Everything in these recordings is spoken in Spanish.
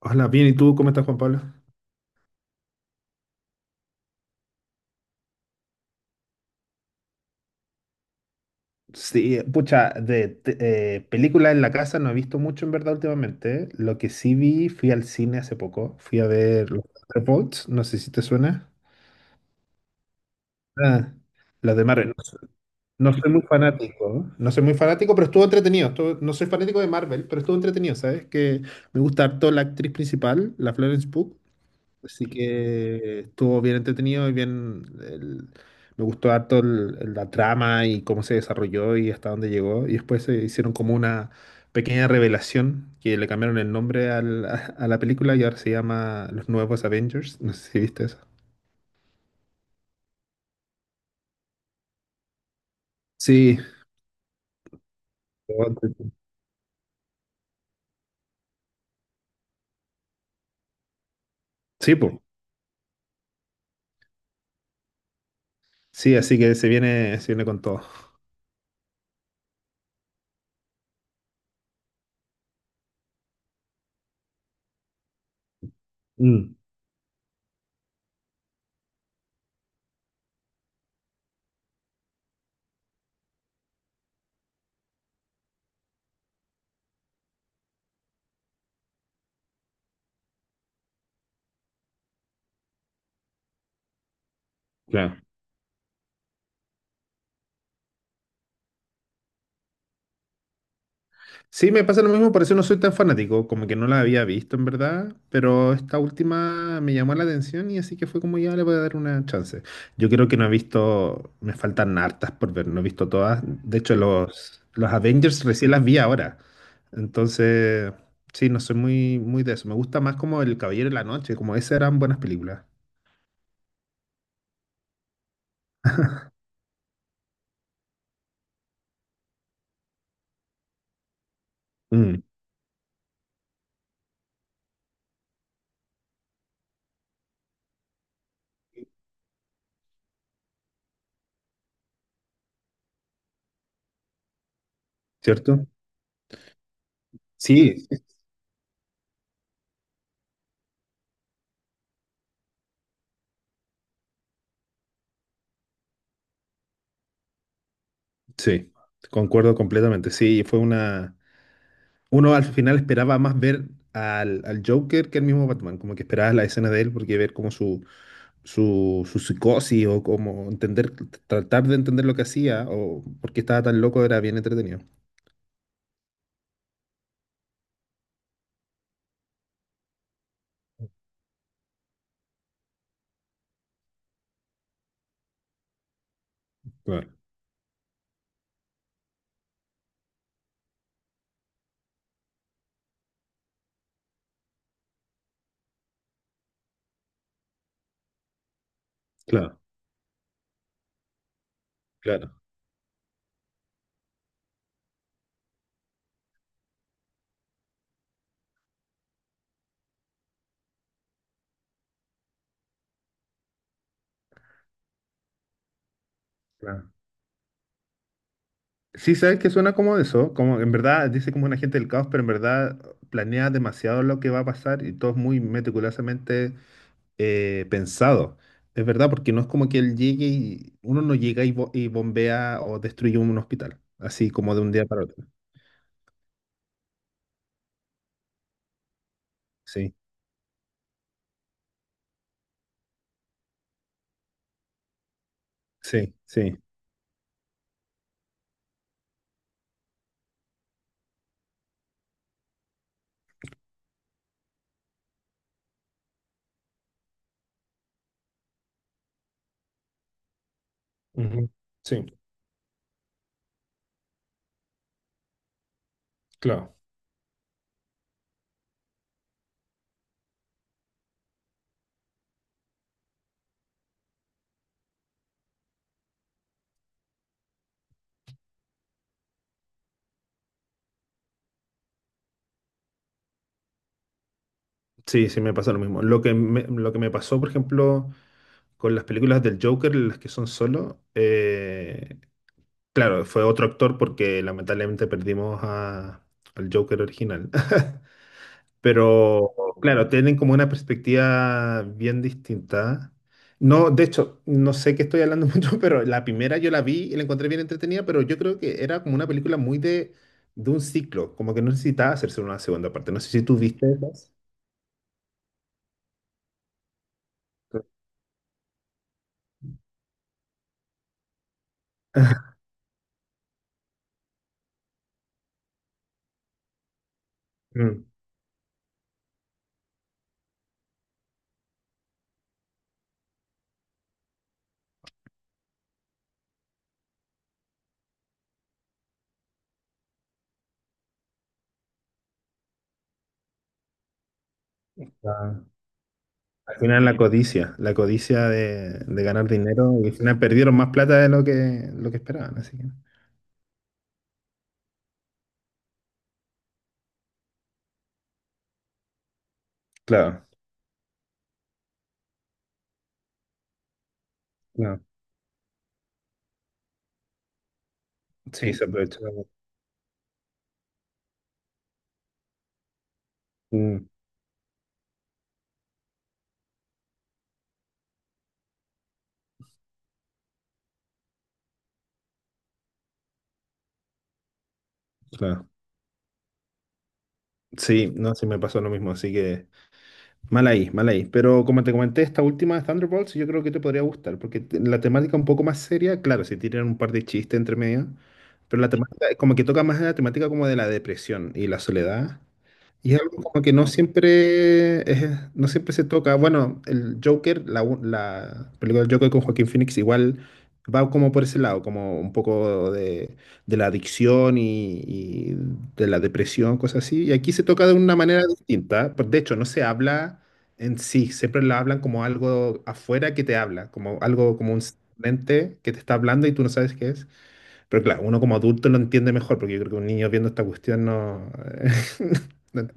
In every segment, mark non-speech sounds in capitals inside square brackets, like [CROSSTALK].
Hola, bien, ¿y tú cómo estás, Juan Pablo? Sí, pucha, películas en la casa no he visto mucho en verdad últimamente. ¿Eh? Lo que sí vi, fui al cine hace poco. Fui a ver los Thunderbolts, no sé si te suena. Ah, las de Marvel. No, soy no muy fanático, ¿eh? No soy muy fanático, pero estuvo entretenido. No soy fanático de Marvel, pero estuvo entretenido, ¿sabes? Que me gusta harto la actriz principal, la Florence Pugh. Así que estuvo bien entretenido y bien. Me gustó harto la trama y cómo se desarrolló y hasta dónde llegó. Y después se hicieron como una pequeña revelación que le cambiaron el nombre [LAUGHS] a la película y ahora se llama Los Nuevos Avengers. No sé si viste eso. Sí. Sí, pues. Sí, así que se viene con todo. Mm, claro. Sí, me pasa lo mismo, por eso no soy tan fanático, como que no la había visto en verdad, pero esta última me llamó la atención y así que fue como ya le voy a dar una chance. Yo creo que no he visto, me faltan hartas por ver, no he visto todas. De hecho, los Avengers recién las vi ahora. Entonces, sí, no soy muy, muy de eso. Me gusta más como El Caballero de la Noche, como esas eran buenas películas. Mm, ¿cierto? Sí, sí, concuerdo completamente. Sí, fue una. Uno al final esperaba más ver al Joker que al mismo Batman, como que esperabas la escena de él porque ver como su psicosis o como entender, tratar de entender lo que hacía o por qué estaba tan loco era bien entretenido. Claro, claro, claro. Claro. Sí, sabes que suena como eso, como en verdad dice como un agente del caos, pero en verdad planea demasiado lo que va a pasar y todo es muy meticulosamente pensado. Es verdad, porque no es como que él llegue y uno no llega y bombea o destruye un hospital, así como de un día para otro. Sí, sí, sí. Ujú. Sí, claro. Sí, sí, me pasa lo mismo. Lo que me pasó, por ejemplo, con las películas del Joker, las que son solo, claro, fue otro actor porque lamentablemente perdimos al Joker original. [LAUGHS] Pero, claro, tienen como una perspectiva bien distinta. No, de hecho, no sé qué estoy hablando [LAUGHS] mucho, pero la primera yo la vi y la encontré bien entretenida, pero yo creo que era como una película muy de un ciclo, como que no necesitaba hacerse una segunda parte. No sé si tú viste esas. Mm. Ah, al final la codicia de ganar dinero, y al final perdieron más plata de lo que esperaban, así que. Claro, claro. Sí, se aprovechó. Mm, claro. Sí, no, sí me pasó lo mismo, así que. Mal ahí, mal ahí. Pero como te comenté, esta última de Thunderbolts yo creo que te podría gustar, porque la temática un poco más seria, claro, si tiran un par de chistes entre medio, pero la temática, como que toca más la temática como de la depresión y la soledad. Y es algo como que no siempre, no siempre se toca. Bueno, el Joker, la película del Joker con Joaquín Phoenix igual va como por ese lado, como un poco de la adicción y de la depresión, cosas así. Y aquí se toca de una manera distinta. Pues, de hecho, no se habla en sí, siempre la hablan como algo afuera que te habla, como algo como un ente que te está hablando y tú no sabes qué es. Pero claro, uno como adulto lo entiende mejor, porque yo creo que un niño viendo esta cuestión no. [LAUGHS] No.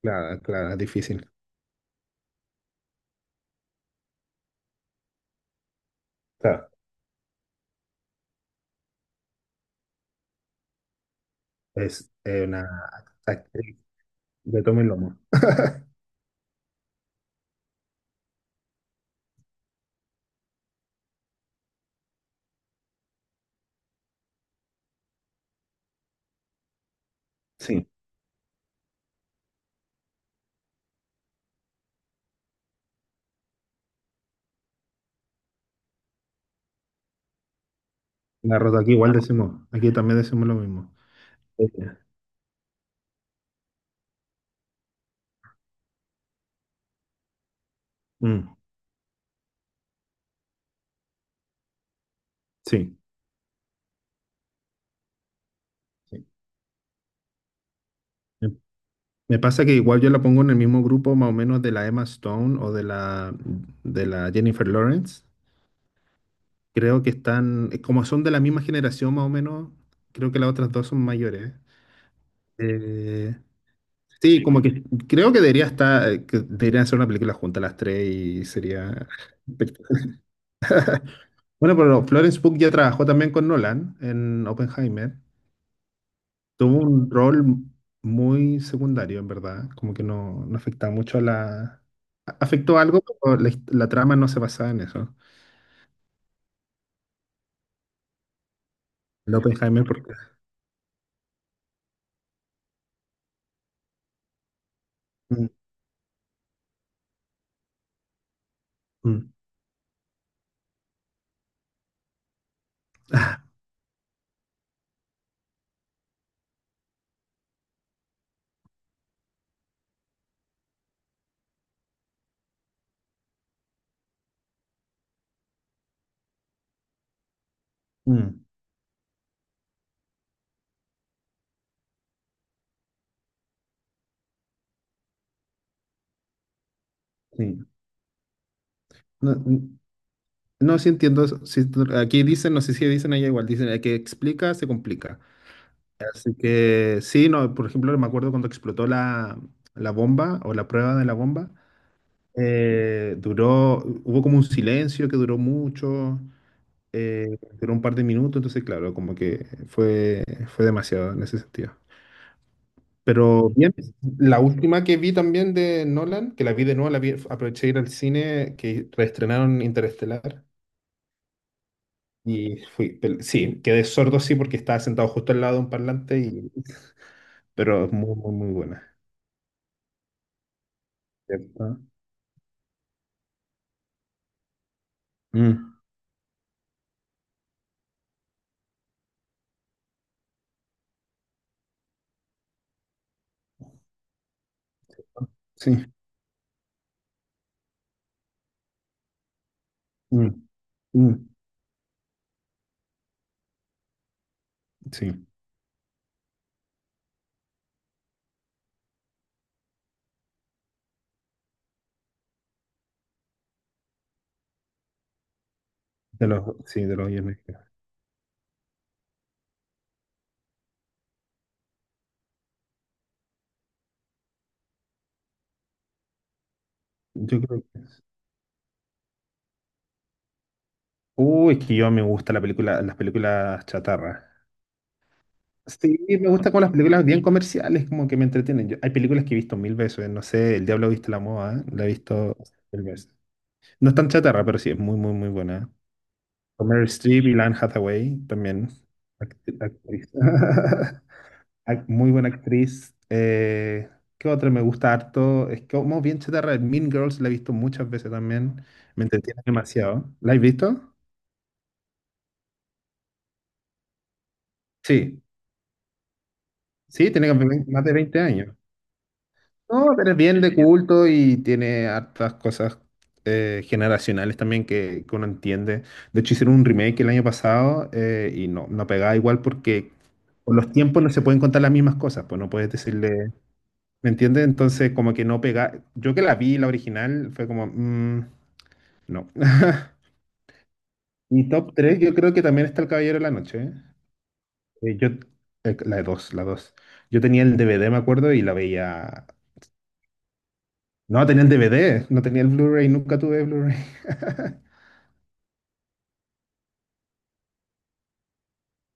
Claro, claro, es difícil. Claro, es una actriz de tomo y lomo. Sí, la rota aquí igual decimos, aquí también decimos lo mismo. Eh, mm, sí, sí. Me, me pasa que igual yo la pongo en el mismo grupo más o menos de la Emma Stone o de la Jennifer Lawrence. Creo que están, como son de la misma generación más o menos, creo que las otras dos son mayores. Eh, sí, como que creo que debería estar, que deberían hacer una película juntas las tres y sería. [LAUGHS] Bueno, pero Florence Pugh ya trabajó también con Nolan en Oppenheimer. Tuvo un rol muy secundario, en verdad. Como que no, no afectaba mucho a la. Afectó algo, pero la trama no se basaba en eso. El Oppenheimer, porque. Mm, mm, mm, sí. No, mm, no, sí entiendo. Sí, aquí dicen, no sé si dicen allá igual, dicen, el que explica, se complica. Así que sí, no, por ejemplo, me acuerdo cuando explotó la bomba o la prueba de la bomba. Duró, hubo como un silencio que duró mucho, duró un par de minutos, entonces claro, como que fue demasiado en ese sentido. Pero bien, la última que vi también de Nolan, que la vi de nuevo, la vi, aproveché de ir al cine, que reestrenaron Interestelar. Y fui, sí, quedé sordo sí porque estaba sentado justo al lado de un parlante, y, pero es muy, muy, muy buena. ¿Cierto? Mm, sí, mm, mm, sí, sí, de los guiones. Yo creo que es. Uy, es que yo me gusta la película, las películas chatarra. Sí, me gusta como las películas bien comerciales, como que me entretienen. Hay películas que he visto mil veces, no sé, El Diablo viste la moda, la he visto mil veces. No es tan chatarra, pero sí, es muy, muy, muy buena. Con Meryl Streep y Anne Hathaway también. Actriz. [LAUGHS] Muy buena actriz. ¿Qué otra me gusta harto? Es como bien chatarra. Mean Girls la he visto muchas veces también. Me entretiene demasiado. ¿La has visto? Sí. Sí, tiene como más de 20 años. No, pero es bien de culto y tiene hartas cosas generacionales también que uno entiende. De hecho, hicieron un remake el año pasado y no, no pegaba igual porque con los tiempos no se pueden contar las mismas cosas, pues no puedes decirle, ¿me entiendes? Entonces, como que no pega. Yo que la vi, la original, fue como, mm, no. [LAUGHS] Y top 3, yo creo que también está El Caballero de la Noche. ¿Eh? Yo, la 2, la 2. Yo tenía el DVD, me acuerdo, y la veía. No, tenía el DVD, no tenía el Blu-ray, nunca tuve Blu-ray. [LAUGHS]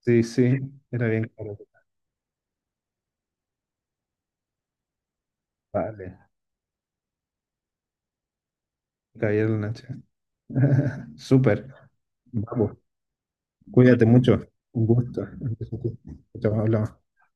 Sí, sí, era bien caro. Vale, Caballero de la Noche. [LAUGHS] Súper, vamos, cuídate mucho. Un gusto. Chao, hablamos.